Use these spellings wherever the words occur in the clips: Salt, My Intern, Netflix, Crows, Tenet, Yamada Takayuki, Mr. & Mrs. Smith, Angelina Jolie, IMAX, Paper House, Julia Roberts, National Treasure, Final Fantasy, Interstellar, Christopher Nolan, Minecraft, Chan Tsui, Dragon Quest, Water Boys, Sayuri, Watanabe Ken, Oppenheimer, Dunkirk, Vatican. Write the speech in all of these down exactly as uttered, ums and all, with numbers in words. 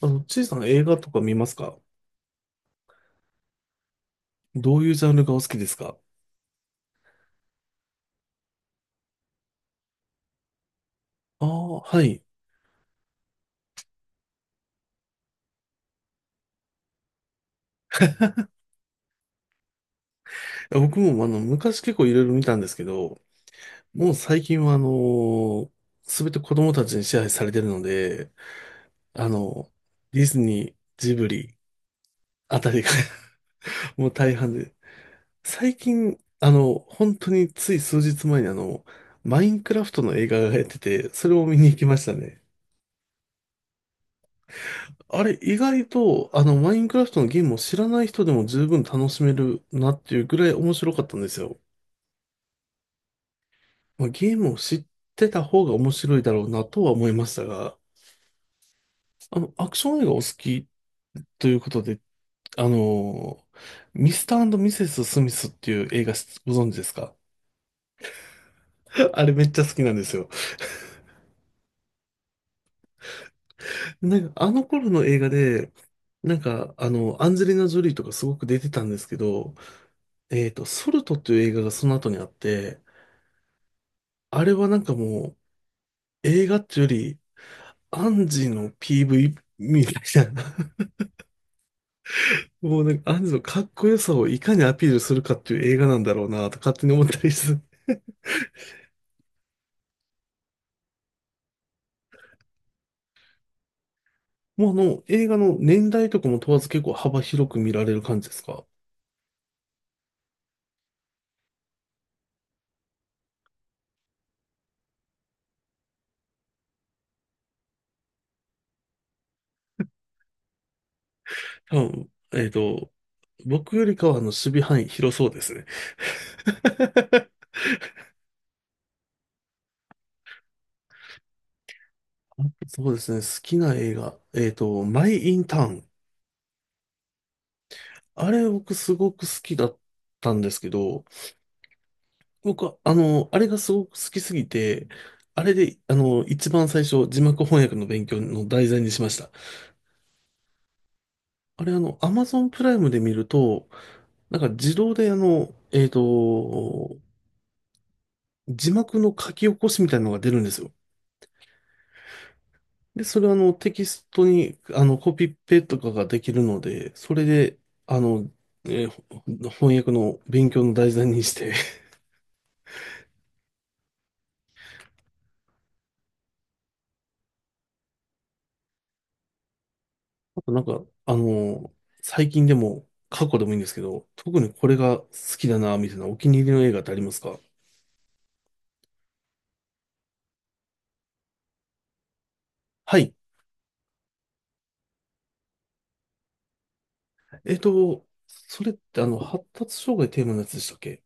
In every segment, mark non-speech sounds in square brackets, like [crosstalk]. あの、ちいさん、映画とか見ますか？どういうジャンルがお好きですか？ああー、はい。いや、僕もあの、昔結構いろいろ見たんですけど、もう最近はあのすべて子供たちに支配されてるので、あの、ディズニー、ジブリあたりが [laughs] もう大半で、最近、あの、本当につい数日前にあの、マインクラフトの映画がやってて、それを見に行きましたね。あれ、意外と、あの、マインクラフトのゲームを知らない人でも十分楽しめるなっていうぐらい面白かったんですよ。まあ、ゲームを知ってた方が面白いだろうなとは思いましたが、あの、アクション映画お好きということで、あの、ミスターミセス・スミスっていう映画しご存知ですか？ [laughs] あれめっちゃ好きなんですよ。なんか、あの頃の映画で、なんか、あの、アンジェリーナ・ジョリーとかすごく出てたんですけど、えっと、ソルトっていう映画がその後にあって、あれはなんかもう、映画っていうより、アンジの ピーブイ みたいな、[laughs] もうなんかアンジのかっこよさをいかにアピールするかっていう映画なんだろうなと勝手に思ったりする。もうあの、映画の年代とかも問わず結構幅広く見られる感じですか？ [laughs] 多分、えっと、僕よりかはあの、守備範囲広そうですね。[laughs] そうですね。好きな映画。えっと、マイ・イン・ターン。あれ僕すごく好きだったんですけど、僕は、あの、あれがすごく好きすぎて、あれで、あの、一番最初、字幕翻訳の勉強の題材にしました。あれ、あの、アマゾンプライムで見ると、なんか自動で、あの、えっと、字幕の書き起こしみたいなのが出るんですよ。で、それはあのテキストにあのコピペとかができるので、それで、あの、えーほ翻訳の勉強の題材にして、[laughs] あとなんか、あの、最近でも過去でもいいんですけど、特にこれが好きだな、みたいなお気に入りの映画ってありますか？はい。えっと、それってあの、発達障害テーマのやつでしたっけ？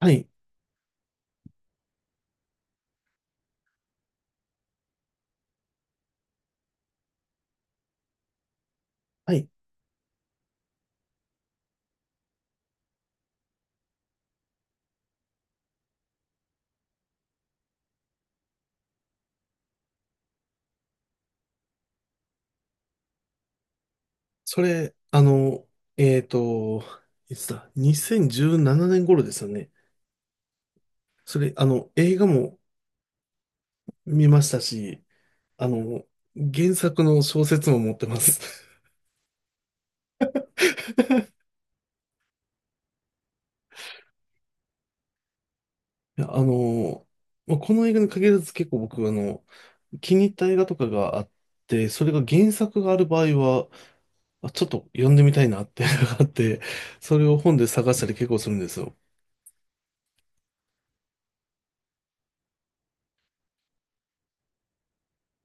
はい。はい。それ、あの、えっと、いつだ？ にせんじゅうなな 年頃ですよね。それ、あの、映画も見ましたし、あの、原作の小説も持ってます。[laughs] いや、あの、まあこの映画に限らず結構僕、あの、気に入った映画とかがあって、それが原作がある場合は、あちょっと読んでみたいなっていうのがあって、それを本で探したり結構するんですよ。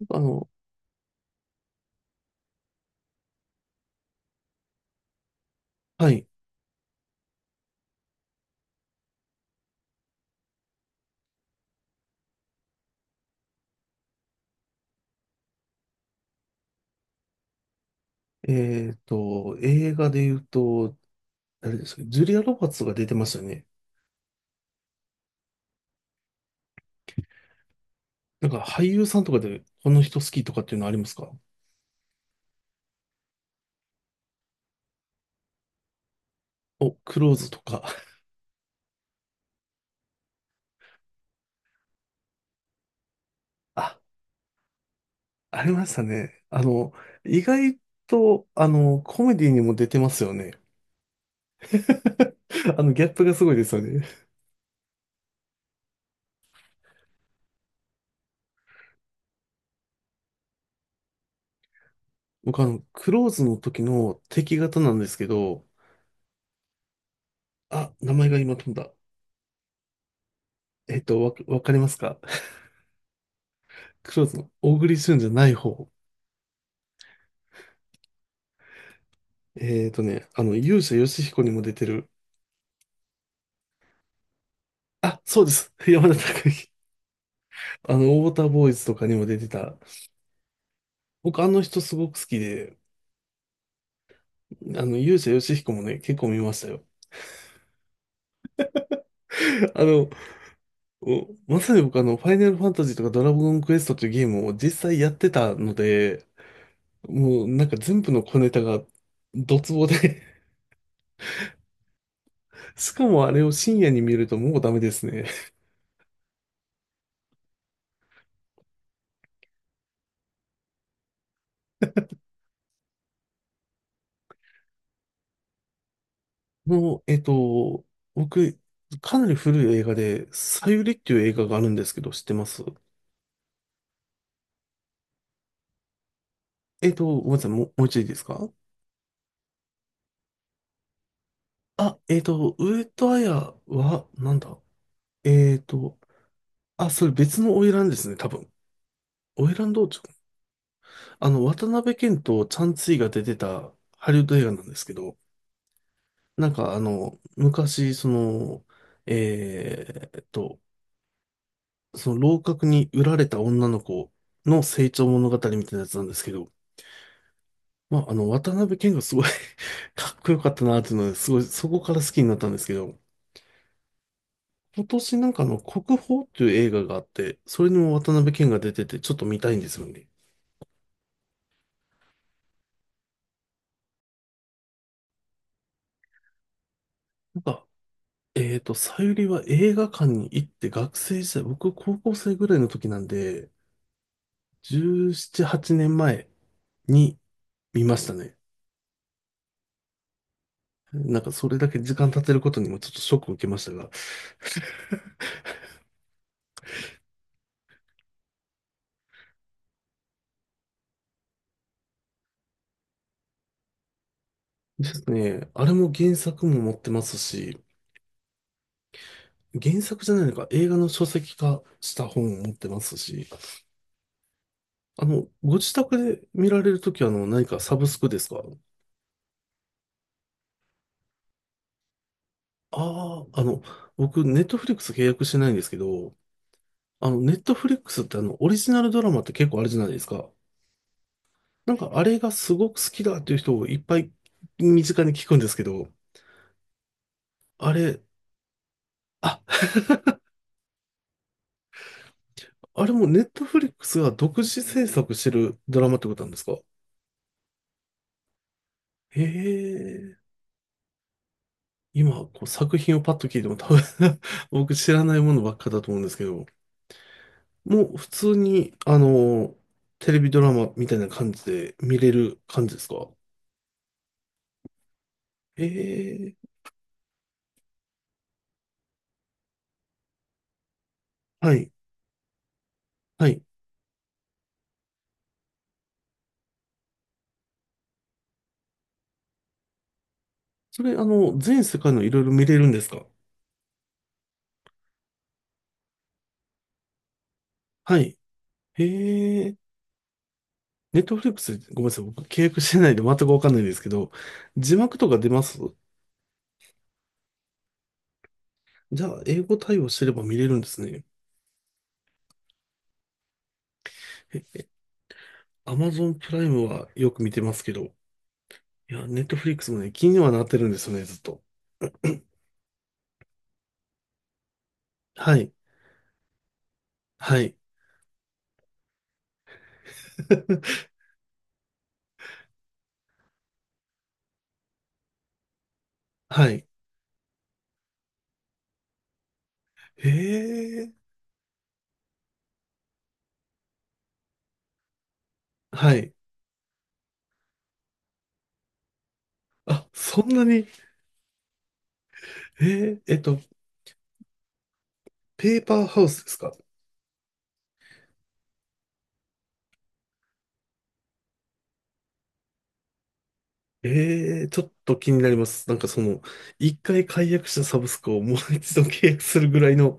あの、はい。えっと、映画で言うと、誰ですか、ジュリア・ロバーツが出てましたよね。なんか俳優さんとかでこの人好きとかっていうのありますか？お、クローズとか。あありましたね。あの、意外と、あの、コメディにも出てますよね。[laughs] あの、ギャップがすごいですよね。僕、あの、クローズの時の敵方なんですけど、あ、名前が今飛んだ。えっと、わ、わかりますか？ [laughs] クローズの大栗旬じゃない方。えっとね、あの、勇者ヨシヒコにも出てる。あ、そうです。[laughs] 山田孝之。あの、ウォーターボーイズとかにも出てた。僕、あの人すごく好きで、あの、勇者ヨシヒコもね、結構見ましたよ。[laughs] あの、お、まさに僕あの、ファイナルファンタジーとかドラゴンクエストっていうゲームを実際やってたので、もうなんか全部の小ネタがドツボで [laughs] しかもあれを深夜に見るともうダメですね。もう、えっと、僕、かなり古い映画で、サユリっていう映画があるんですけど、知ってます？えっと、ごめんなさい、もう、もう一度いいですか？あ、えっと、上戸彩は、なんだ、えっと、あ、それ別の花魁ですね、多分。花魁道、あの、渡辺謙とチャン・ツイが出てたハリウッド映画なんですけど、なんかあの、昔、その、えーっと、その楼閣に売られた女の子の成長物語みたいなやつなんですけど、まあ、あの、渡辺謙がすごい [laughs] かっこよかったなっていうので、すごい、そこから好きになったんですけど、今年なんかあの、国宝っていう映画があって、それにも渡辺謙が出てて、ちょっと見たいんですよね。なんか、えっと、さゆりは映画館に行って学生時代、僕高校生ぐらいの時なんで、じゅうなな、はちねんまえに見ましたね。なんかそれだけ時間経てることにもちょっとショックを受けましたが。ですね、あれも原作も持ってますし、原作じゃないのか、映画の書籍化した本を持ってますし、あの、ご自宅で見られるときは、あの、何かサブスクですか？ああー、あの、僕、ネットフリックス契約してないんですけど、あの、ネットフリックスってあの、オリジナルドラマって結構あるじゃないですか。なんかあれがすごく好きだっていう人をいっぱい身近に聞くんですけど、あれ、あ、[laughs] あれもネットフリックスが独自制作してるドラマってことなんですか？へえ、今、こう作品をパッと聞いても多分 [laughs] 僕知らないものばっかだと思うんですけど、もう普通に、あの、テレビドラマみたいな感じで見れる感じですか？へえ、はい、はい。それ、あの、全世界のいろいろ見れるんですか？はい。へえ。ネットフリックス、ごめんなさい。僕契約してないんで全くわかんないんですけど、字幕とか出ます？じゃあ、英語対応してれば見れるんですね。え、Amazon プライムはよく見てますけど、いや、ネットフリックスもね、気にはなってるんですよね、ずっと。[clears throat] はい。はい。[laughs] はい。へえ。はい。あ、そんなに、へえ、えっと、ペーパーハウスですか？ええ、ちょっと気になります。なんかその、一回解約したサブスクをもう一度契約するぐらいの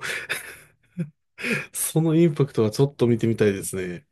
そのインパクトはちょっと見てみたいですね。